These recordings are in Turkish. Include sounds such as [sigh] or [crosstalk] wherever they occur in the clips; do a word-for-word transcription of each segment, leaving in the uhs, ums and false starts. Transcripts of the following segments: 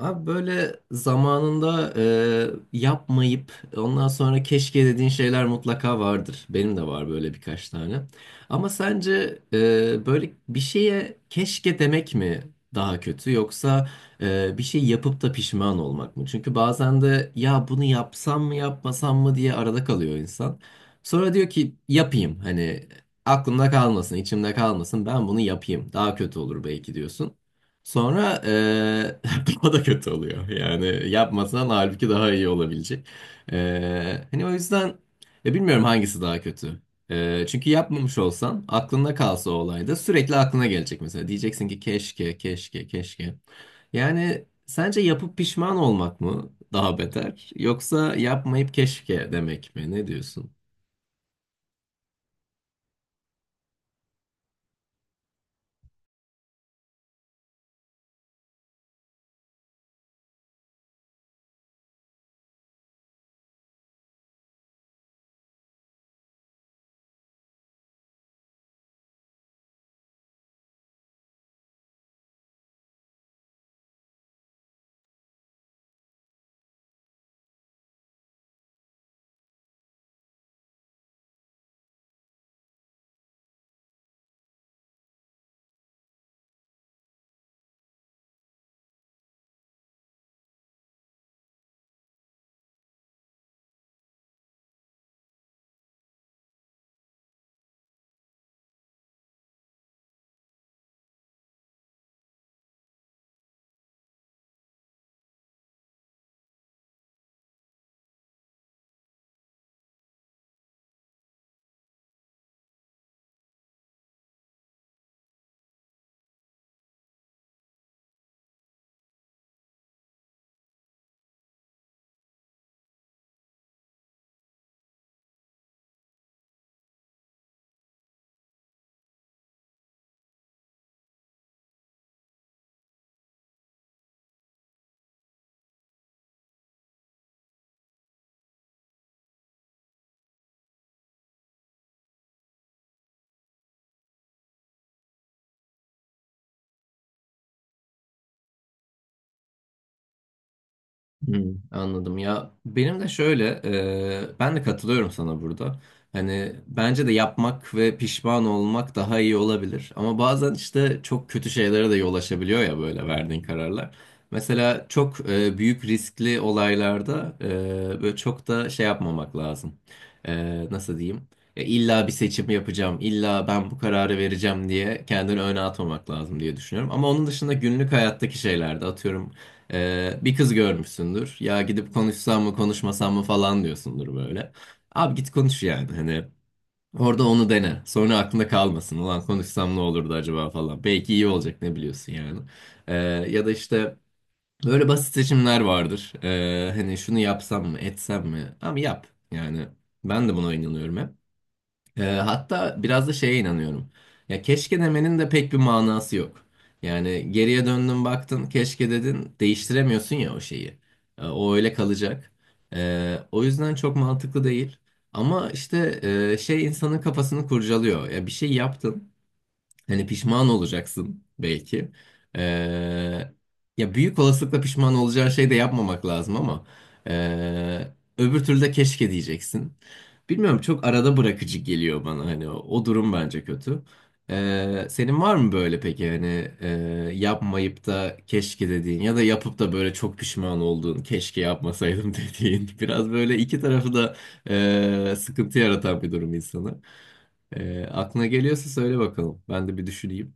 Abi böyle zamanında e, yapmayıp ondan sonra keşke dediğin şeyler mutlaka vardır. Benim de var böyle birkaç tane. Ama sence e, böyle bir şeye keşke demek mi daha kötü yoksa e, bir şey yapıp da pişman olmak mı? Çünkü bazen de ya bunu yapsam mı yapmasam mı diye arada kalıyor insan. Sonra diyor ki yapayım hani aklımda kalmasın, içimde kalmasın ben bunu yapayım. Daha kötü olur belki diyorsun. Sonra [laughs] daha da kötü oluyor. Yani yapmasan halbuki daha iyi olabilecek. Ee, hani o yüzden ya bilmiyorum hangisi daha kötü. Ee, çünkü yapmamış olsan aklında kalsa o olay da sürekli aklına gelecek mesela. Diyeceksin ki keşke, keşke, keşke. Yani sence yapıp pişman olmak mı daha beter yoksa yapmayıp keşke demek mi? Ne diyorsun? Hmm, anladım ya benim de şöyle e, ben de katılıyorum sana burada hani bence de yapmak ve pişman olmak daha iyi olabilir ama bazen işte çok kötü şeylere de yol açabiliyor ya böyle verdiğin kararlar mesela çok e, büyük riskli olaylarda e, böyle çok da şey yapmamak lazım. E, nasıl diyeyim, ya illa bir seçim yapacağım illa ben bu kararı vereceğim diye kendini öne atmamak lazım diye düşünüyorum ama onun dışında günlük hayattaki şeylerde atıyorum ee, bir kız görmüşsündür. Ya gidip konuşsam mı konuşmasam mı falan diyorsundur böyle. Abi git konuş yani hani. Orada onu dene. Sonra aklında kalmasın. Ulan konuşsam ne olurdu acaba falan. Belki iyi olacak ne biliyorsun yani. Ee, ya da işte böyle basit seçimler vardır. Ee, hani şunu yapsam mı etsem mi? Abi yap. Yani ben de buna inanıyorum hep. Ee, hatta biraz da şeye inanıyorum. Ya keşke demenin de pek bir manası yok. Yani geriye döndün baktın keşke dedin değiştiremiyorsun ya o şeyi. Ee, o öyle kalacak. Ee, o yüzden çok mantıklı değil. Ama işte e, şey insanın kafasını kurcalıyor. Ya bir şey yaptın. Hani pişman olacaksın belki. Ee, ya büyük olasılıkla pişman olacağın şey de yapmamak lazım ama ee, öbür türlü de keşke diyeceksin. Bilmiyorum çok arada bırakıcı geliyor bana hani o, o durum bence kötü. Ee, senin var mı böyle peki hani ee, yapmayıp da keşke dediğin ya da yapıp da böyle çok pişman olduğun keşke yapmasaydım [laughs] dediğin biraz böyle iki tarafı da ee, sıkıntı yaratan bir durum insana. E, aklına geliyorsa söyle bakalım. Ben de bir düşüneyim.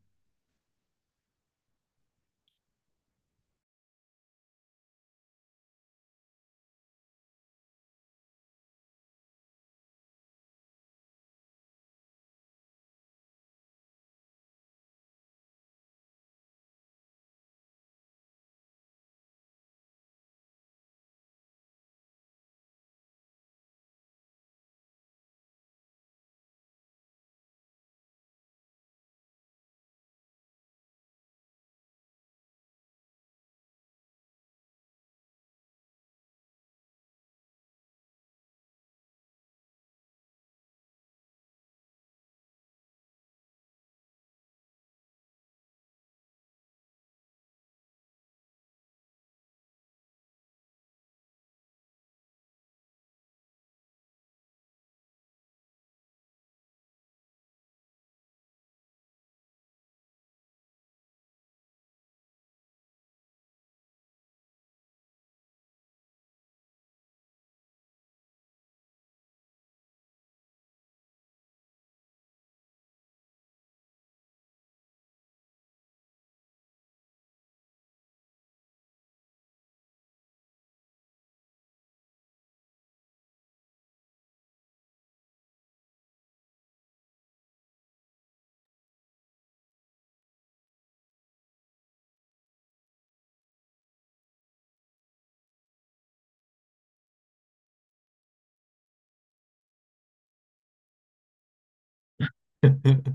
[laughs]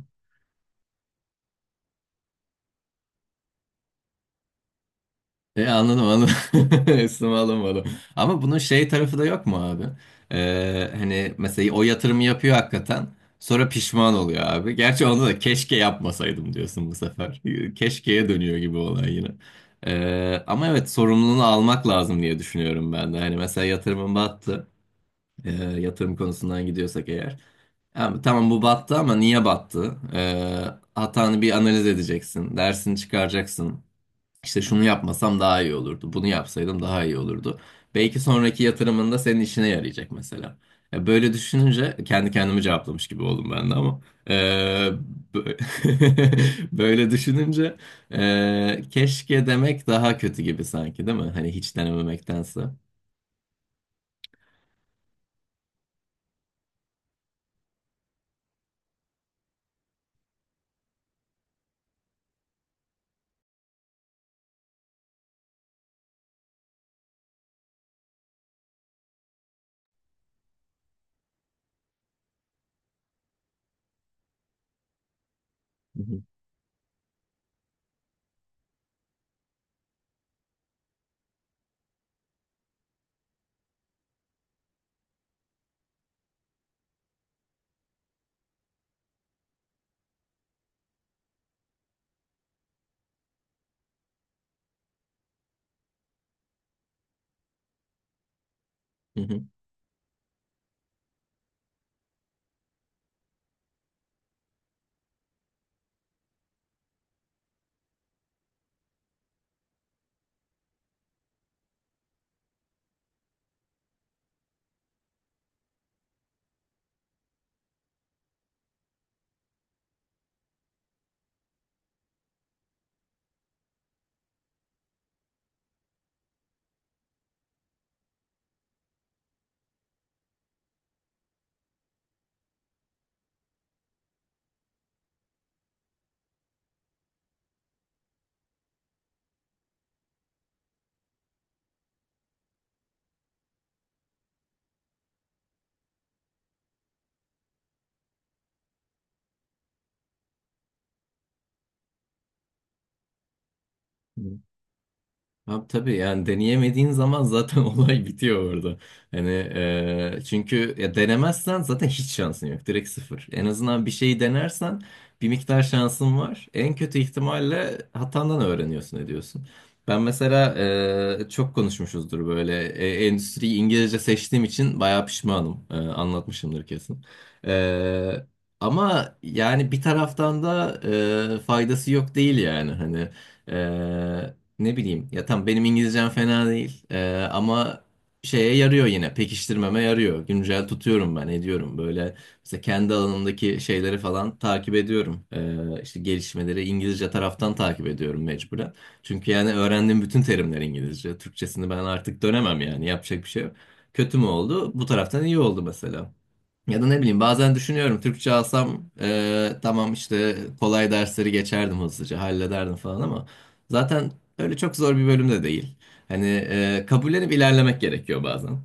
E, anladım anladım. [laughs] Üstüme alınmadım. Ama bunun şey tarafı da yok mu abi? E, hani mesela o yatırımı yapıyor hakikaten. Sonra pişman oluyor abi. Gerçi onda da keşke yapmasaydım diyorsun bu sefer. [laughs] Keşkeye dönüyor gibi olay yine. E, ama evet sorumluluğunu almak lazım diye düşünüyorum ben de. Hani mesela yatırımın battı. E, yatırım konusundan gidiyorsak eğer. Ya, tamam bu battı ama niye battı? Ee, hatanı bir analiz edeceksin. Dersini çıkaracaksın. İşte şunu yapmasam daha iyi olurdu. Bunu yapsaydım daha iyi olurdu. Belki sonraki yatırımında senin işine yarayacak mesela. Ya, böyle düşününce kendi kendimi cevaplamış gibi oldum ben de ama. Ee, bö- [laughs] böyle düşününce ee, keşke demek daha kötü gibi sanki değil mi? Hani hiç denememektense. Hı hı, hı hı. Hı. Abi tabii yani deneyemediğin zaman zaten [laughs] olay bitiyor orada. Hani e, çünkü ya denemezsen zaten hiç şansın yok. Direkt sıfır. En azından bir şeyi denersen bir miktar şansın var. En kötü ihtimalle hatandan öğreniyorsun ediyorsun. Ben mesela e, çok konuşmuşuzdur böyle e, endüstriyi İngilizce seçtiğim için bayağı pişmanım. E, anlatmışımdır kesin. E, ama yani bir taraftan da e, faydası yok değil yani hani. Eee, ne bileyim ya tam benim İngilizcem fena değil. Ee, ama şeye yarıyor yine, pekiştirmeme yarıyor. Güncel tutuyorum ben ediyorum böyle mesela kendi alanımdaki şeyleri falan takip ediyorum. Ee, işte gelişmeleri İngilizce taraftan takip ediyorum mecburen. Çünkü yani öğrendiğim bütün terimler İngilizce. Türkçesini ben artık dönemem yani yapacak bir şey yok. Kötü mü oldu? Bu taraftan iyi oldu mesela. Ya da ne bileyim bazen düşünüyorum Türkçe alsam e, tamam işte kolay dersleri geçerdim hızlıca hallederdim falan ama zaten öyle çok zor bir bölüm de değil. Hani e, kabullenip ilerlemek gerekiyor bazen.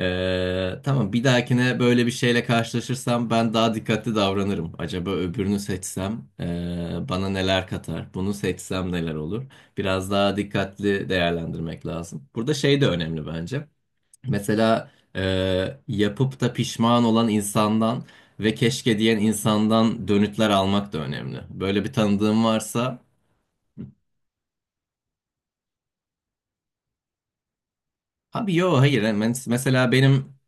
E, tamam bir dahakine böyle bir şeyle karşılaşırsam ben daha dikkatli davranırım. Acaba öbürünü seçsem e, bana neler katar? Bunu seçsem neler olur? Biraz daha dikkatli değerlendirmek lazım. Burada şey de önemli bence. Mesela e, yapıp da pişman olan insandan ve keşke diyen insandan dönütler almak da önemli. Böyle bir tanıdığım varsa abi. Yo, hayır, hemen mesela benim,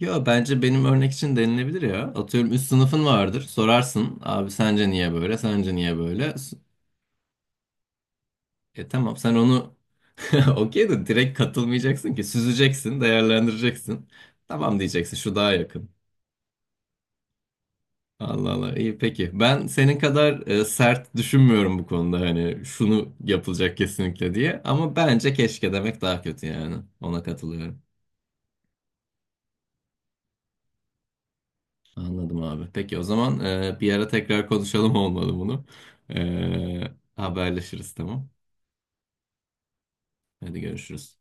yo, bence benim örnek için denilebilir ya. Atıyorum üst sınıfın vardır, sorarsın abi sence niye böyle, sence niye böyle. S- E tamam sen onu [laughs] okey de direkt katılmayacaksın ki, süzeceksin, değerlendireceksin. Tamam diyeceksin şu daha yakın. Allah Allah, iyi peki. Ben senin kadar e, sert düşünmüyorum bu konuda hani şunu yapılacak kesinlikle diye. Ama bence keşke demek daha kötü yani. Ona katılıyorum. Anladım abi. Peki o zaman e, bir ara tekrar konuşalım olmalı bunu. E, haberleşiriz, tamam. Hadi görüşürüz.